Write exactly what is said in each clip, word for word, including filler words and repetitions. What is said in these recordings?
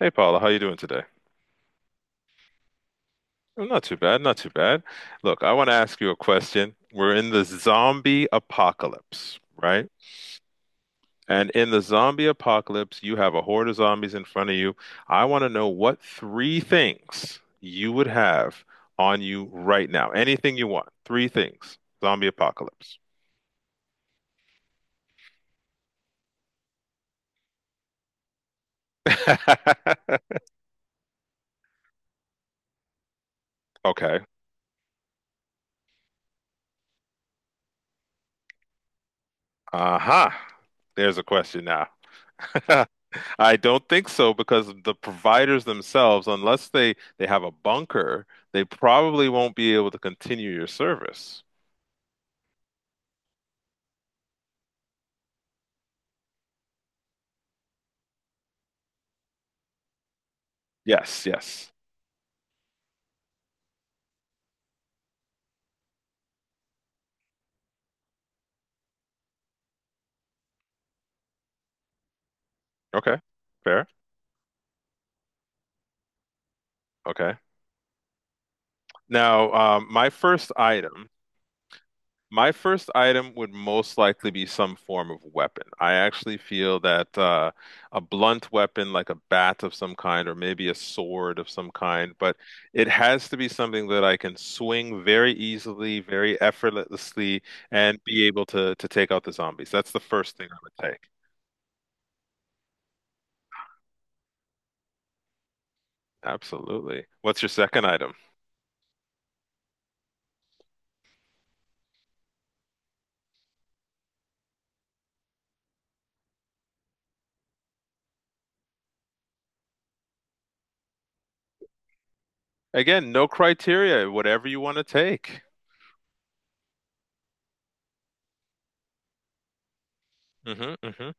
Hey Paula, how you doing today? Oh, not too bad, not too bad. Look, I want to ask you a question. We're in the zombie apocalypse, right? And in the zombie apocalypse, you have a horde of zombies in front of you. I want to know what three things you would have on you right now. Anything you want. Three things. Zombie apocalypse. Okay. Uh-huh. There's a question now. I don't think so because the providers themselves, unless they they have a bunker, they probably won't be able to continue your service. Yes, yes. Okay. Fair. Okay. Now, um, my first item. My first item would most likely be some form of weapon. I actually feel that uh, a blunt weapon, like a bat of some kind, or maybe a sword of some kind, but it has to be something that I can swing very easily, very effortlessly, and be able to to take out the zombies. That's the first thing I would take. Absolutely. What's your second item? Again, no criteria, whatever you want to take. hmm hmm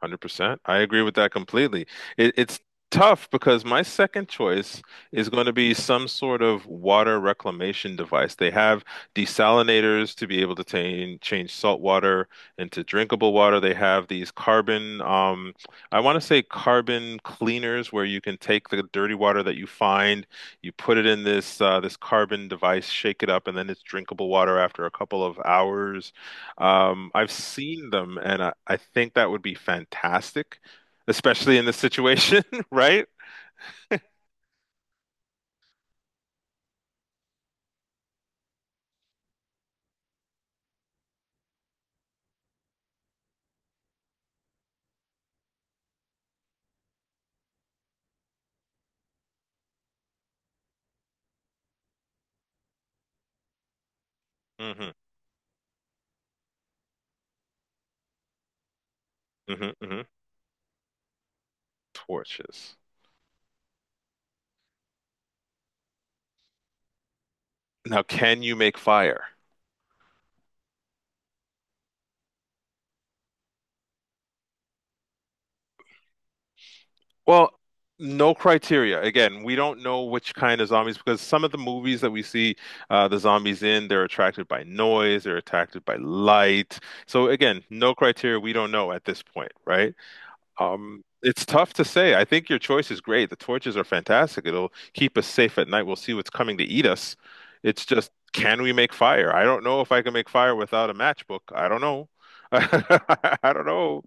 one hundred percent. I agree with that completely. It, it's tough because my second choice is going to be some sort of water reclamation device. They have desalinators to be able to tain- change salt water into drinkable water. They have these carbon, um, I want to say carbon cleaners where you can take the dirty water that you find, you put it in this uh, this carbon device, shake it up, and then it's drinkable water after a couple of hours. Um, I've seen them, and I, I think that would be fantastic, especially in this situation, right? hmm hmm hmm Torches. Now, can you make fire? Well, no criteria. Again, we don't know which kind of zombies because some of the movies that we see uh, the zombies in, they're attracted by noise, they're attracted by light. So again, no criteria. We don't know at this point, right? Um, it's tough to say. I think your choice is great. The torches are fantastic. It'll keep us safe at night. We'll see what's coming to eat us. It's just, can we make fire? I don't know if I can make fire without a matchbook. I don't know. I don't know,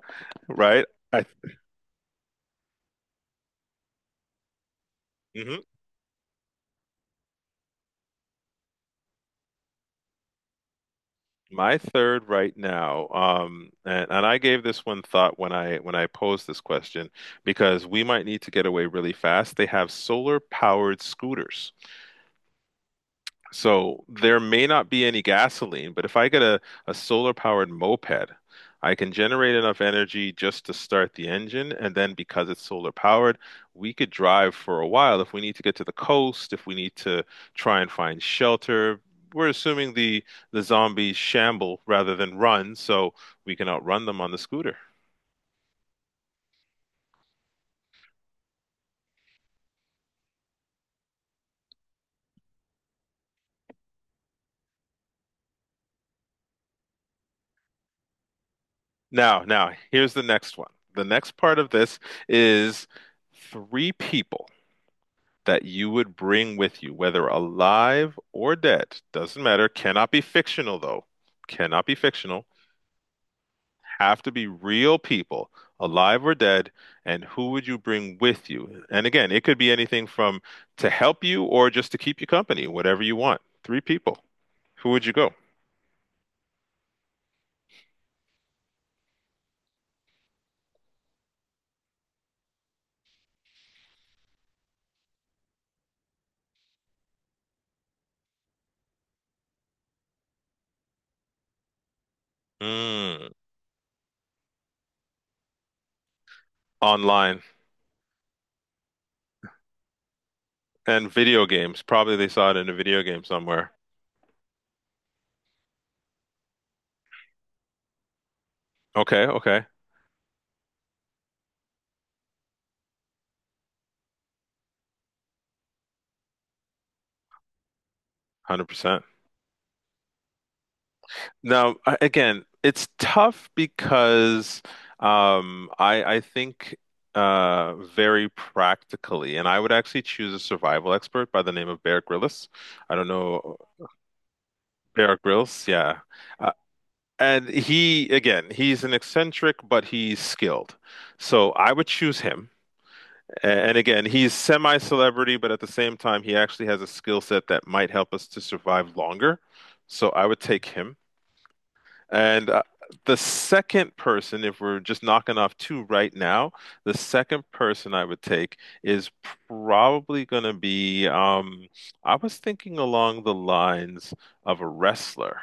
right? I Mhm. My third right now, um, and, and I gave this one thought when I when I posed this question because we might need to get away really fast. They have solar powered scooters. So there may not be any gasoline, but if I get a, a solar powered moped, I can generate enough energy just to start the engine. And then because it's solar powered, we could drive for a while. If we need to get to the coast, if we need to try and find shelter, we're assuming the, the zombies shamble rather than run, so we can outrun them on the scooter. Now, now, here's the next one. The next part of this is three people, that you would bring with you, whether alive or dead, doesn't matter, cannot be fictional though, cannot be fictional, have to be real people, alive or dead, and who would you bring with you? And again, it could be anything from to help you or just to keep you company, whatever you want. Three people. Who would you go? Mm, online and video games. Probably they saw it in a video game somewhere. Okay, okay, one hundred percent. Now, a- again, it's tough because um, I I think uh, very practically, and I would actually choose a survival expert by the name of Bear Grylls. I don't know. Bear Grylls, yeah. Uh, and he, again, he's an eccentric, but he's skilled. So I would choose him. A- And again, he's semi-celebrity, but at the same time, he actually has a skill set that might help us to survive longer. So I would take him. And uh, the second person, if we're just knocking off two right now, the second person I would take is probably going to be, um, I was thinking along the lines of a wrestler.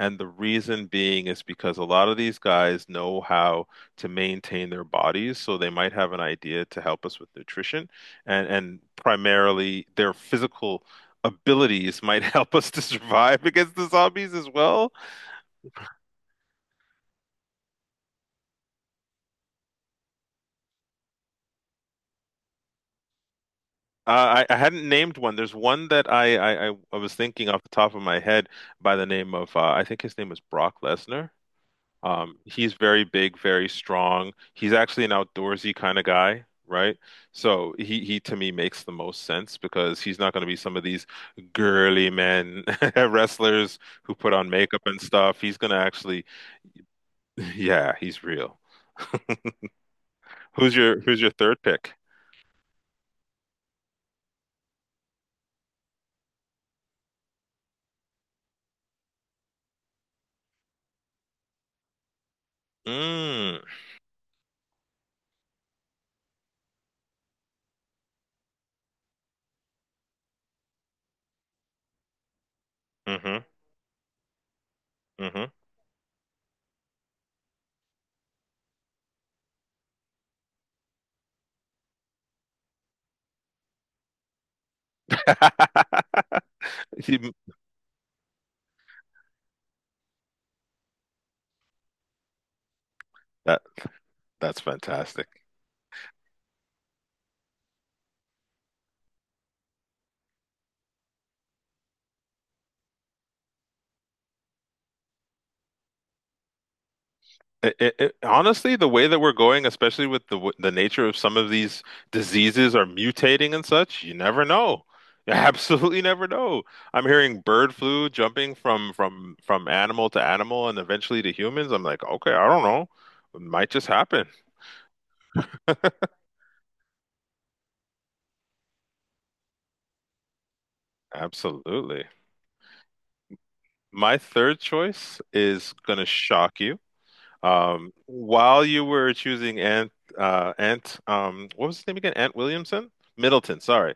And the reason being is because a lot of these guys know how to maintain their bodies, so they might have an idea to help us with nutrition, and and primarily their physical abilities might help us to survive against the zombies as well. Uh, I, I hadn't named one. There's one that I, I, I I was thinking off the top of my head by the name of, uh, I think his name is Brock Lesnar. Um, he's very big, very strong. He's actually an outdoorsy kind of guy, right? So he, he to me makes the most sense because he's not going to be some of these girly men wrestlers who put on makeup and stuff. He's going to actually, yeah, he's real. Who's your who's your third pick? Mm, hmm hmm That's fantastic. It, it, it- honestly, the way that we're going, especially with the w- the nature of some of these diseases are mutating and such, you never know. You absolutely never know. I'm hearing bird flu jumping from from from animal to animal and eventually to humans. I'm like, okay, I don't know. It might just happen. Absolutely. My third choice is gonna shock you. Um, while you were choosing Ant, uh, Ant, um, what was his name again? Ant Williamson? Middleton, sorry.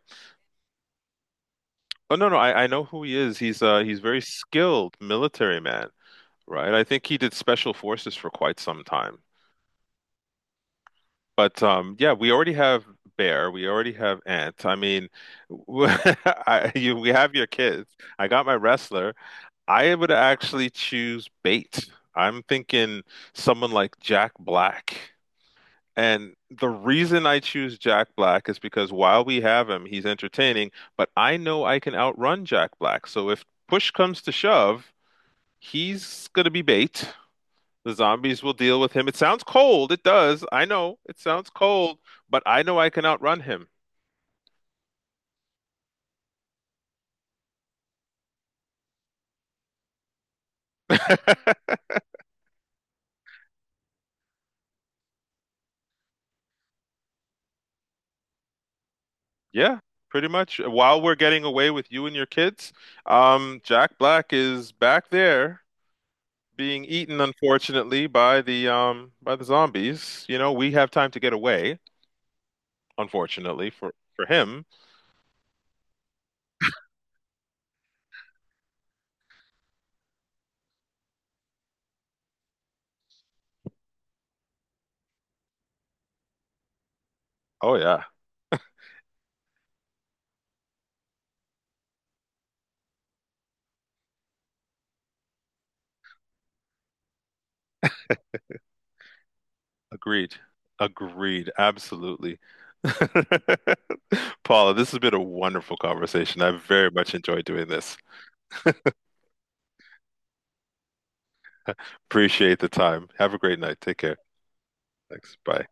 Oh no, no, I, I know who he is. He's uh he's very skilled military man, right? I think he did special forces for quite some time. But um yeah, we already have Bear, we already have Ant. I mean, I, you, we have your kids. I got my wrestler. I would actually choose Bait. I'm thinking someone like Jack Black. And the reason I choose Jack Black is because while we have him, he's entertaining, but I know I can outrun Jack Black. So if push comes to shove, he's gonna be bait. The zombies will deal with him. It sounds cold. It does. I know it sounds cold, but I know I can outrun him. Yeah, pretty much. While we're getting away with you and your kids, um, Jack Black is back there being eaten, unfortunately, by the um by the zombies. You know, we have time to get away, unfortunately, for for him. Oh yeah. Agreed. Agreed. Absolutely. Paula, this has been a wonderful conversation. I very much enjoyed doing this. Appreciate the time. Have a great night. Take care. Thanks. Bye.